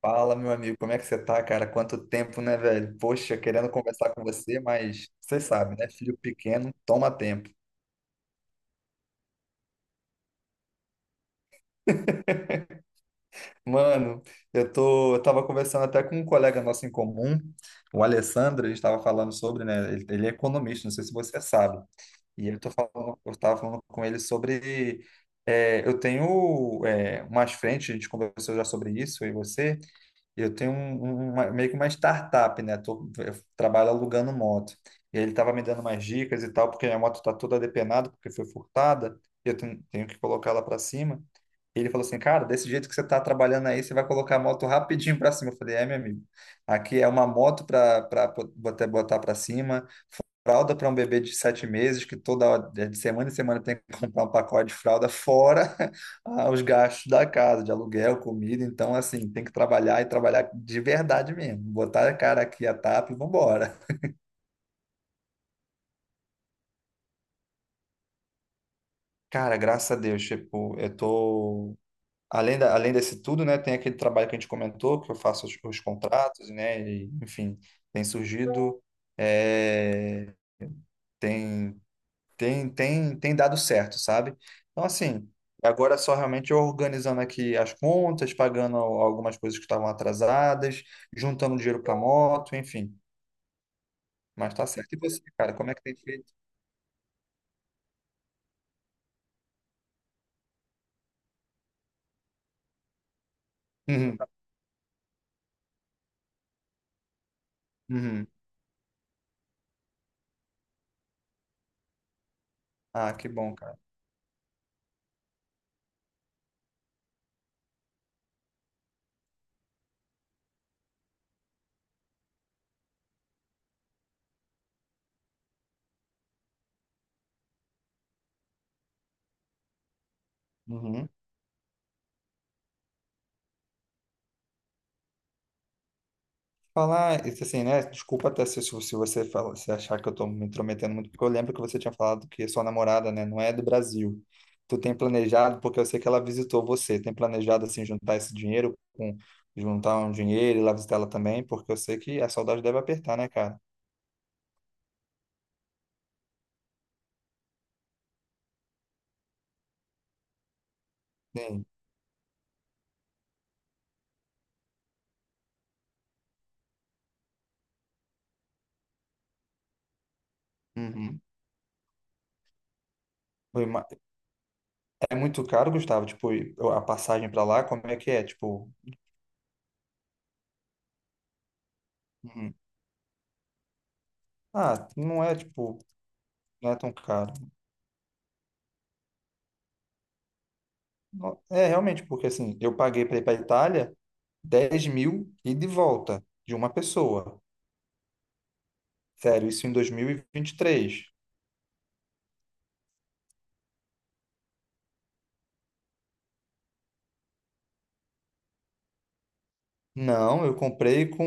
Fala, meu amigo, como é que você tá, cara? Quanto tempo, né, velho? Poxa, querendo conversar com você, mas você sabe, né? Filho pequeno, toma tempo. Mano, eu tava conversando até com um colega nosso em comum, o Alessandro, a gente tava falando sobre, né? Ele é economista, não sei se você sabe. E eu tava falando com ele sobre, eu tenho, umas frentes, a gente conversou já sobre isso, eu e você. Eu tenho meio que uma startup, né? Eu trabalho alugando moto. E ele estava me dando umas dicas e tal, porque minha moto está toda depenada, porque foi furtada, e eu tenho que colocar ela para cima. E ele falou assim, cara, desse jeito que você está trabalhando aí, você vai colocar a moto rapidinho para cima. Eu falei, é, meu amigo, aqui é uma moto para botar para cima, fralda para um bebê de 7 meses, que toda hora, de semana em semana tem que comprar um pacote de fralda, fora ah, os gastos da casa, de aluguel, comida. Então, assim, tem que trabalhar e trabalhar de verdade mesmo. Botar a cara aqui a tapa e vambora. Cara, graças a Deus, tipo, eu tô. Além desse tudo, né, tem aquele trabalho que a gente comentou, que eu faço os contratos, né, e, enfim, tem surgido. é, tem tem dado certo, sabe? Então, assim, agora é só realmente eu organizando aqui as contas, pagando algumas coisas que estavam atrasadas, juntando dinheiro para moto, enfim. Mas tá certo. E você, cara, como é que tem feito? Uhum, uhum. Ah, que bom, cara. Uhum. Falar, isso assim, né? Desculpa até se você fala, se achar que eu tô me intrometendo muito, porque eu lembro que você tinha falado que sua namorada, né, não é do Brasil. Tu tem planejado, porque eu sei que ela visitou você, tem planejado, assim, juntar esse dinheiro, com, juntar um dinheiro e lá visitar ela também, porque eu sei que a saudade deve apertar, né, cara? Sim. Uhum. Foi uma- É muito caro, Gustavo, tipo, e a passagem pra lá, como é que é? Tipo. Uhum. Ah, não é, tipo, não é tão caro. É, realmente, porque assim, eu paguei pra ir pra Itália, 10 mil e de volta de uma pessoa. Sério, isso em dois mil e vinte e três. Não, eu comprei com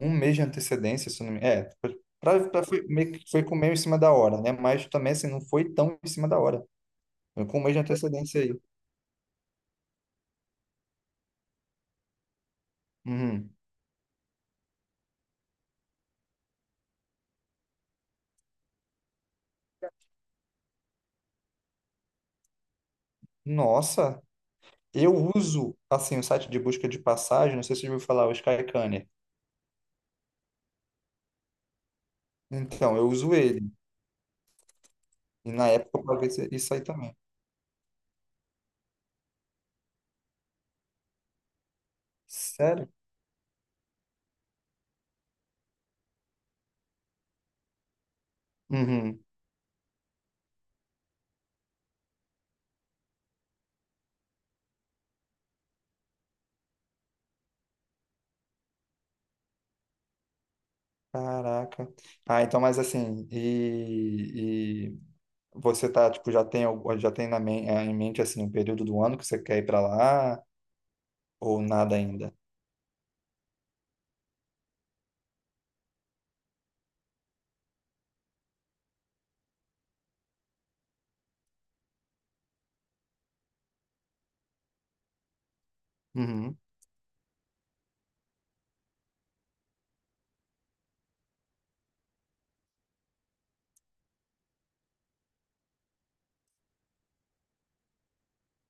um mês de antecedência, se eu não me... É, meio que foi com meio em cima da hora, né? Mas também, assim, não foi tão em cima da hora. Foi com um mês de antecedência aí. Uhum. Nossa, eu uso, assim, o site de busca de passagem, não sei se você já ouviu falar, o Skyscanner. Então, eu uso ele. E na época eu paguei isso aí também. Sério? Uhum. Caraca. Ah, então, mas assim, e você tá, tipo, já tem, al- já tem na men- eh, em mente, assim, um período do ano que você quer ir pra lá ou nada ainda? Uhum,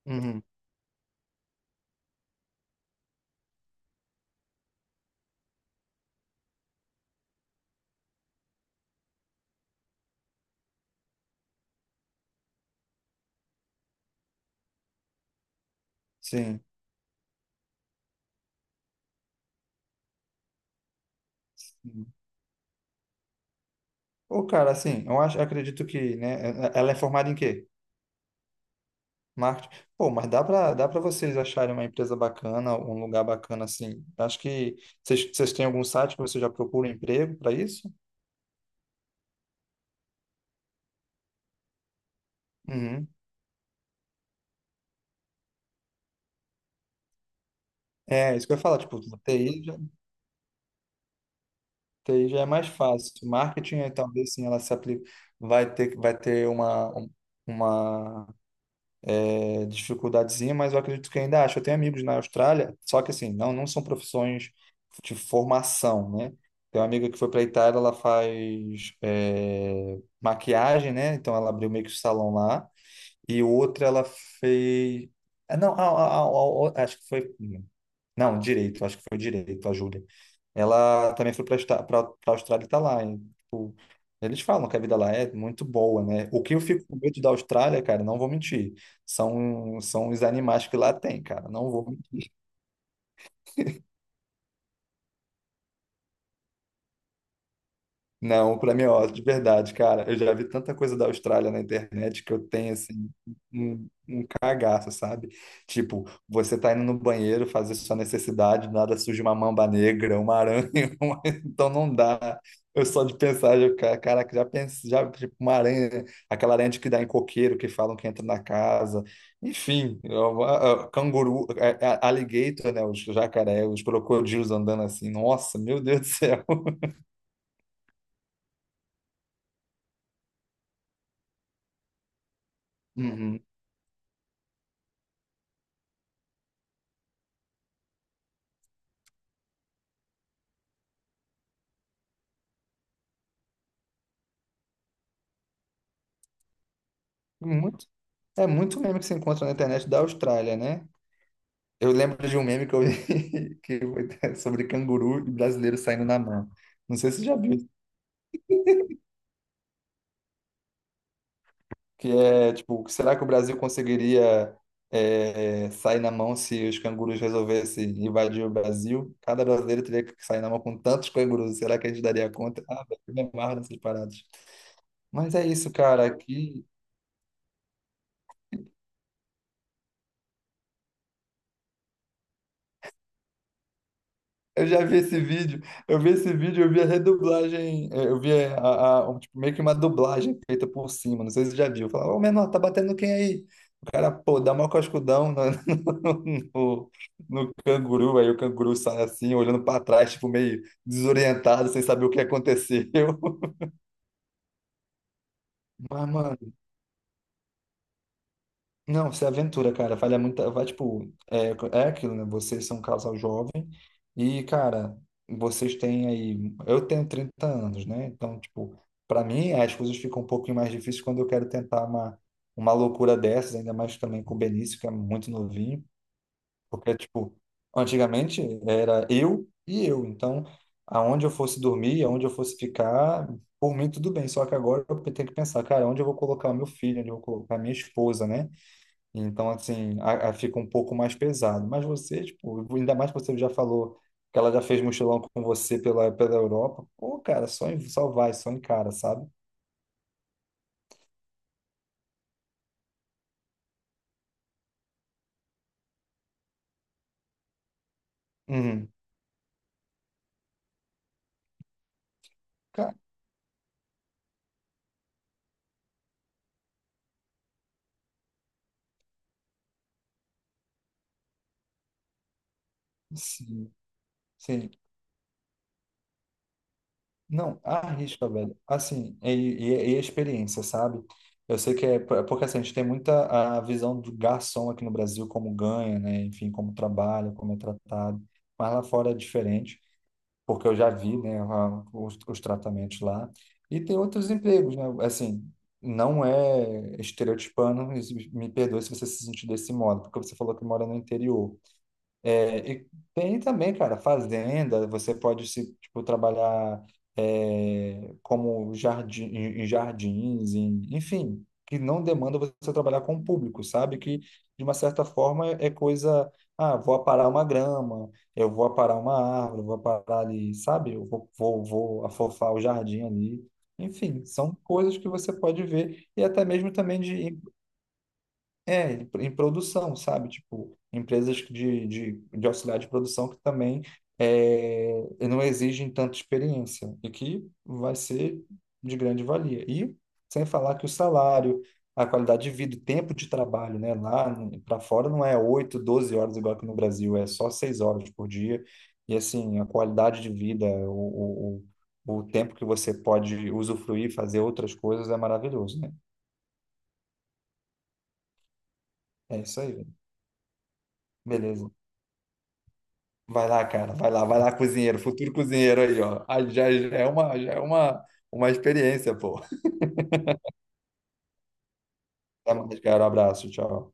uhum, sim. Sim. Pô, cara, assim, eu acho, acredito que, né, ela é formada em quê? Marketing. Pô, mas dá pra vocês acharem uma empresa bacana, um lugar bacana, assim. Acho que vocês têm algum site que você já procura emprego para isso? Uhum. É, isso que eu ia falar, tipo, TI TI já é mais fácil. Marketing, talvez sim, ela se aplica, vai ter uma, uma dificuldadezinha, mas eu acredito que ainda acho. Eu tenho amigos na Austrália, só que assim, não, não são profissões de formação, né? Tem uma amiga que foi para a Itália, ela faz maquiagem, né? Então ela abriu meio que o salão lá. E outra, ela fez. Ah, não, acho que foi. Não, direito, acho que foi direito, a Júlia. Ela também foi para a Austrália e tá lá, hein? Tipo, eles falam que a vida lá é muito boa, né? O que eu fico com medo da Austrália, cara, não vou mentir. São os animais que lá tem, cara. Não vou mentir. Não, para mim, ó, de verdade, cara. Eu já vi tanta coisa da Austrália na internet que eu tenho, assim, um cagaço, sabe? Tipo, você tá indo no banheiro fazer sua necessidade, do nada surge uma mamba negra, uma aranha, então não dá. Eu só de pensar, já, caraca, já pensei, já, tipo, uma aranha, aquela aranha de que dá em coqueiro, que falam que entra na casa, enfim, canguru, alligator, né, os jacaré, os crocodilos andando assim, nossa, meu Deus do céu. Uhum. Muito, é muito meme que se encontra na internet da Austrália, né? Eu lembro de um meme que eu vi que foi sobre canguru e brasileiro saindo na mão. Não sei se você já viu, que é tipo, será que o Brasil conseguiria sair na mão se os cangurus resolvessem invadir o Brasil? Cada brasileiro teria que sair na mão com tantos cangurus. Será que a gente daria conta? Ah, velho, eu me amarro nessas paradas. Mas é isso, cara. Aqui, Eu já vi esse vídeo, eu vi esse vídeo, eu vi a redublagem, eu vi tipo, meio que uma dublagem feita por cima, não sei se você já viu. Falava, ô menor, tá batendo quem aí? O cara, pô, dá mó cascudão no, no, no canguru, aí o canguru sai assim, olhando pra trás, tipo, meio desorientado, sem saber o que aconteceu. Mas, mano, não, se aventura, cara. Vale muito. Vai, tipo, é aquilo, né? Vocês são um casal jovem e, cara, vocês têm aí. Eu tenho 30 anos, né? Então, tipo, para mim as coisas ficam um pouquinho mais difíceis quando eu quero tentar uma loucura dessas, ainda mais também com o Benício, que é muito novinho. Porque, tipo, antigamente era eu e eu. Então, aonde eu fosse dormir, aonde eu fosse ficar, por mim tudo bem. Só que agora eu tenho que pensar, cara, onde eu vou colocar o meu filho, onde eu vou colocar a minha esposa, né? Então, assim, fica um pouco mais pesado. Mas você, tipo, ainda mais que você já falou que ela já fez mochilão com você pela Europa. Pô, cara, só vai, só encara, sabe? Uhum. Cara, sim, sim. Não, arrisca, velho. Assim, e a experiência, sabe? Eu sei que é porque assim, a gente tem muita a visão do garçom aqui no Brasil, como ganha, né? Enfim, como trabalha, como é tratado. Mas lá fora é diferente, porque eu já vi, né, os tratamentos lá. E tem outros empregos, né? Assim, não é estereotipando, mas me perdoe se você se sentir desse modo, porque você falou que mora no interior. É, e tem também, cara, fazenda, você pode se, tipo, trabalhar como jardim, em jardins, enfim, que não demanda você trabalhar com o público, sabe? Que, de uma certa forma, é coisa, ah, vou aparar uma grama, eu vou aparar uma árvore, vou aparar ali, sabe? Eu vou afofar o jardim ali. Enfim, são coisas que você pode ver e até mesmo também de em produção, sabe? Tipo, empresas de auxiliar de produção que também é, não exigem tanta experiência e que vai ser de grande valia. E sem falar que o salário, a qualidade de vida, o tempo de trabalho, né? Lá para fora não é 8, 12 horas igual aqui no Brasil, é só 6 horas por dia. E assim, a qualidade de vida, o tempo que você pode usufruir, fazer outras coisas é maravilhoso, né? É isso aí. Beleza. Vai lá, cara, vai lá, cozinheiro, futuro cozinheiro aí, ó. Ah, uma experiência, pô. Até mais, cara, um abraço, tchau.